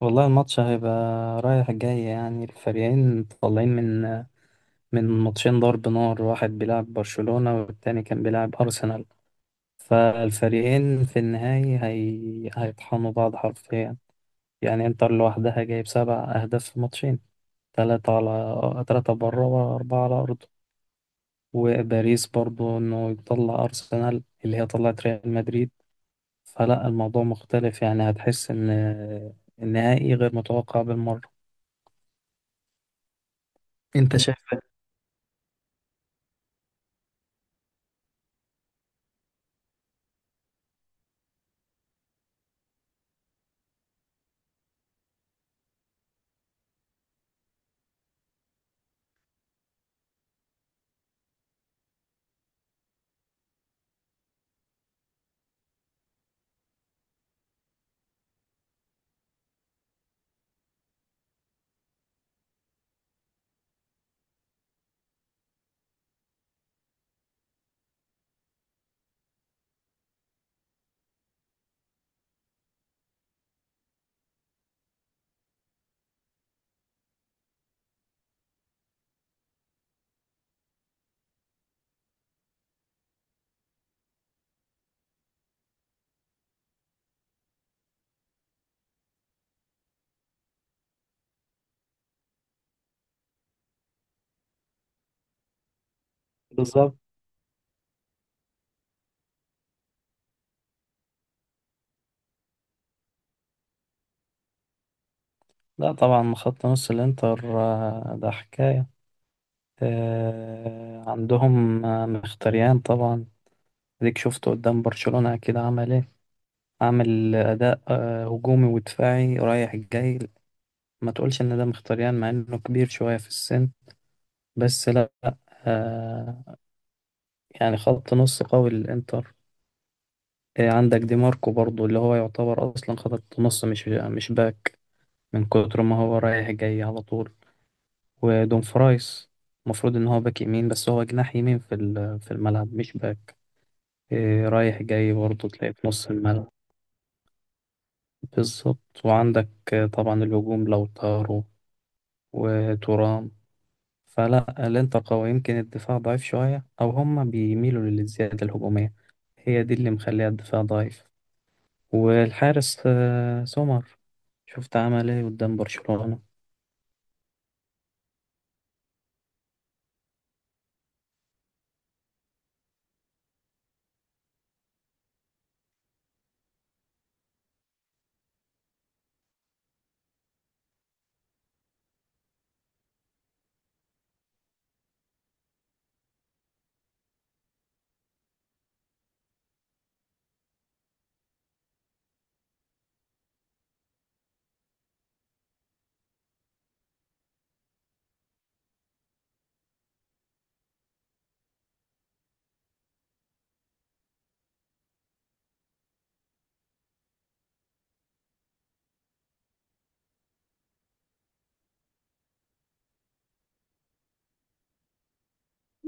والله الماتش هيبقى رايح جاي، يعني الفريقين طالعين من ماتشين ضرب نار. واحد بيلعب برشلونة والتاني كان بيلعب أرسنال، فالفريقين في النهاية هيطحنوا بعض حرفيا. يعني انتر لوحدها جايب سبع أهداف في ماتشين، 3-3 بره وأربعة على أرضه. وباريس برضو إنه يطلع أرسنال اللي هي طلعت ريال مدريد، فلا الموضوع مختلف. يعني هتحس إن النهائي غير متوقع بالمرة. انت شايف؟ بالظبط. لا طبعا، خط نص الانتر ده حكاية. عندهم مختريان طبعا. اديك شفته قدام برشلونة، اكيد عمل ايه؟ عامل اداء هجومي ودفاعي رايح جاي. ما تقولش ان ده مختريان مع انه كبير شوية في السن، بس لا. آه، يعني خط نص قوي للانتر. عندك دي ماركو برضو اللي هو يعتبر اصلا خط نص، مش باك، من كتر ما هو رايح جاي على طول. ودون فرايس المفروض ان هو باك يمين، بس هو جناح يمين في الملعب، مش باك. إيه، رايح جاي برضه تلاقيه في نص الملعب. بالظبط، وعندك طبعا الهجوم لوتارو وتورام، فلا الانتر قوي. يمكن الدفاع ضعيف شوية، او هما بيميلوا للزيادة الهجومية، هي دي اللي مخليها الدفاع ضعيف. والحارس سومر، شفت عمل ايه قدام برشلونة؟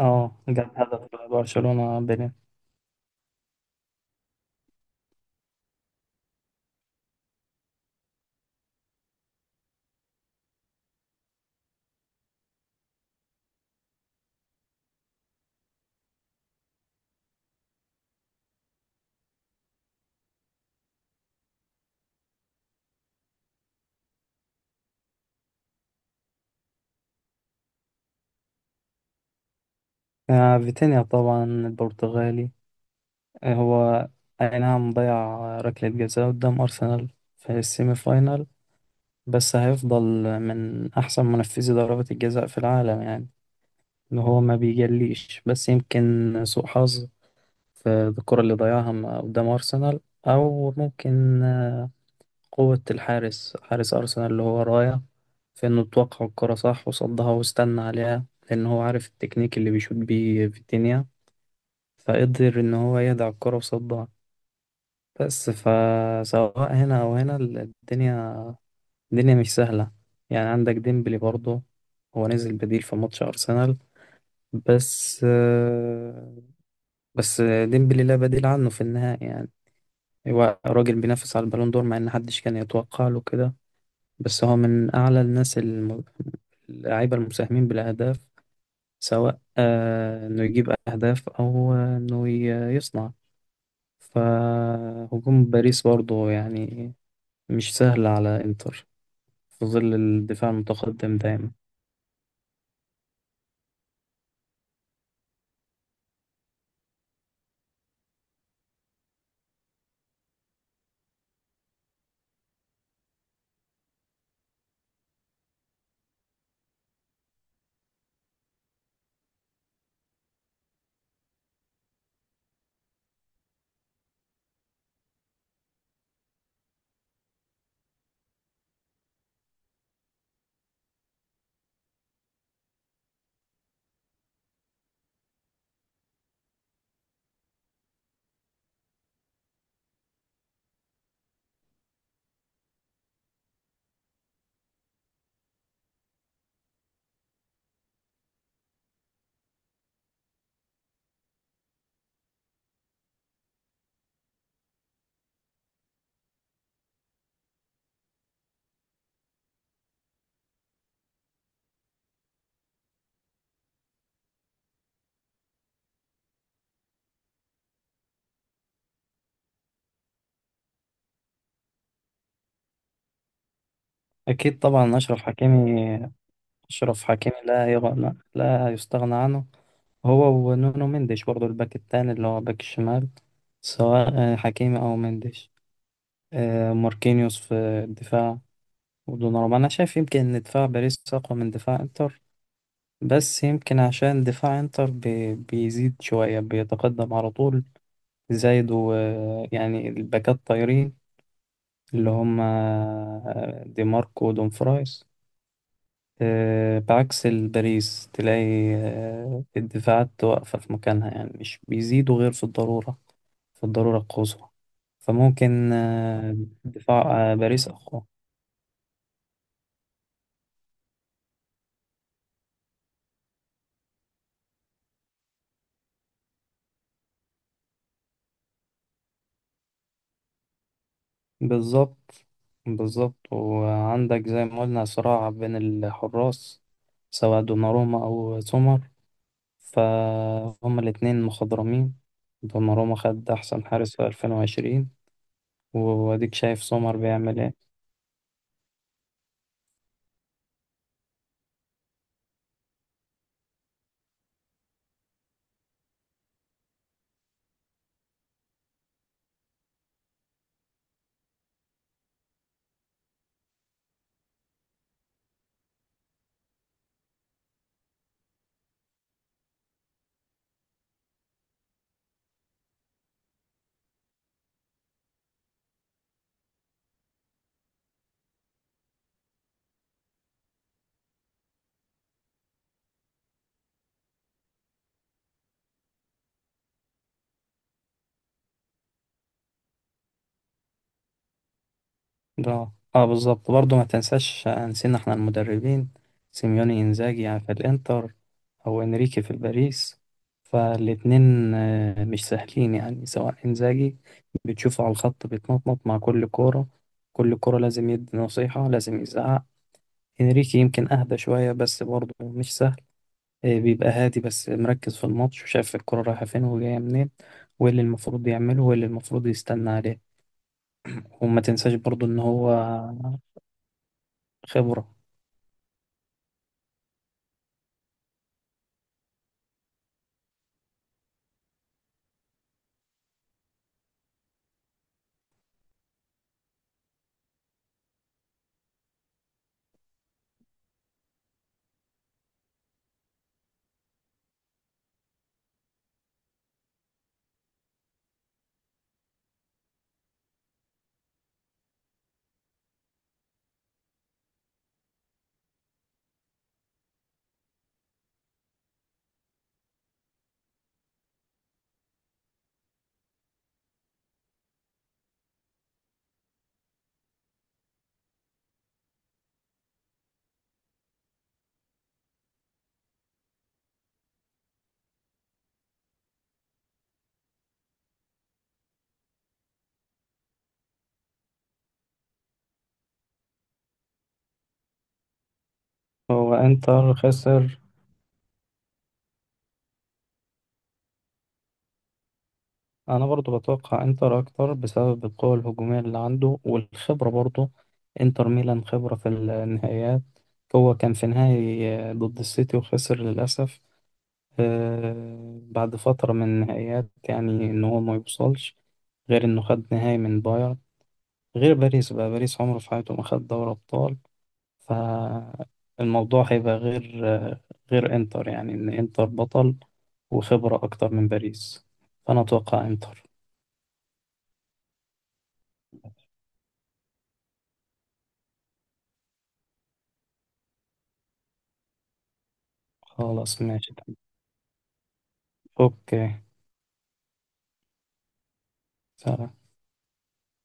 اه، جاب هدف برشلونة بين. فيتينيا طبعا البرتغالي. هو أي نعم ضيع ركلة جزاء قدام أرسنال في السيمي فاينال، بس هيفضل من أحسن منفذي ضربات الجزاء في العالم. يعني إن هو ما بيجليش، بس يمكن سوء حظ في الكرة اللي ضيعها قدام أرسنال، أو ممكن قوة حارس أرسنال اللي هو رايا، في إنه توقع الكرة صح وصدها واستنى عليها، لأن هو عارف التكنيك اللي بيشوط بيه فيتينيا، فقدر إن هو يدع الكرة وصدها. بس فسواء هنا أو هنا، الدنيا مش سهلة. يعني عندك ديمبلي برضه، هو نزل بديل في ماتش أرسنال، بس آه، بس ديمبلي لا بديل عنه في النهائي. يعني هو راجل بينافس على البالون دور، مع إن محدش كان يتوقع له كده، بس هو من أعلى الناس، اللعيبة المساهمين بالأهداف، سواء إنه يجيب أهداف أو إنه يصنع. فهجوم باريس برضه يعني مش سهلة على إنتر في ظل الدفاع المتقدم دايما. أكيد طبعا أشرف حكيمي. لا يغنى لا يستغنى عنه، هو ونونو مندش برضه، الباك التاني اللي هو باك الشمال، سواء حكيمي أو مندش. ماركينيوس في الدفاع، ودوناروما. أنا شايف يمكن إن دفاع باريس أقوى من دفاع إنتر، بس يمكن عشان دفاع إنتر بيزيد شوية، بيتقدم على طول، زايد. ويعني الباكات طايرين، اللي هم دي ماركو ودومفرايس، بعكس الباريس. تلاقي الدفاعات واقفة في مكانها، يعني مش بيزيدوا غير في الضرورة، في الضرورة القصوى. فممكن دفاع باريس أقوى. بالظبط، بالظبط. وعندك زي ما قلنا صراع بين الحراس، سواء دوناروما أو سومر، فهم الاتنين مخضرمين. دوناروما خد أحسن حارس في 2020، واديك شايف سومر بيعمل ايه. ده اه، بالظبط. برضه ما تنساش، نسينا احنا المدربين، سيميوني انزاجي يعني في الانتر، او انريكي في الباريس. فالاتنين مش سهلين، يعني سواء انزاجي، بتشوفه على الخط بيتنطط مع كل كورة، كل كورة لازم يدي نصيحة، لازم يزعق. انريكي يمكن اهدى شوية، بس برضه مش سهل. بيبقى هادي، بس مركز في الماتش وشايف الكورة رايحة فين وجاية منين، وايه اللي المفروض يعمله وايه اللي المفروض يستنى عليه. وما تنساش برضو ان هو خبرة. هو انتر خسر. انا برضو بتوقع انتر اكتر، بسبب القوة الهجومية اللي عنده والخبرة برضو. انتر ميلان خبرة في النهائيات، هو كان في نهائي ضد السيتي وخسر للأسف. بعد فترة من النهائيات، يعني ان هو ما يوصلش، غير انه خد نهائي من بايرن. غير باريس بقى، باريس عمره في حياته ما خد دوري ابطال. فالموضوع هيبقى غير انتر، يعني ان انتر بطل، وخبرة اكتر من باريس. فانا اتوقع انتر. خلاص، ماشي، اوكي، سلام.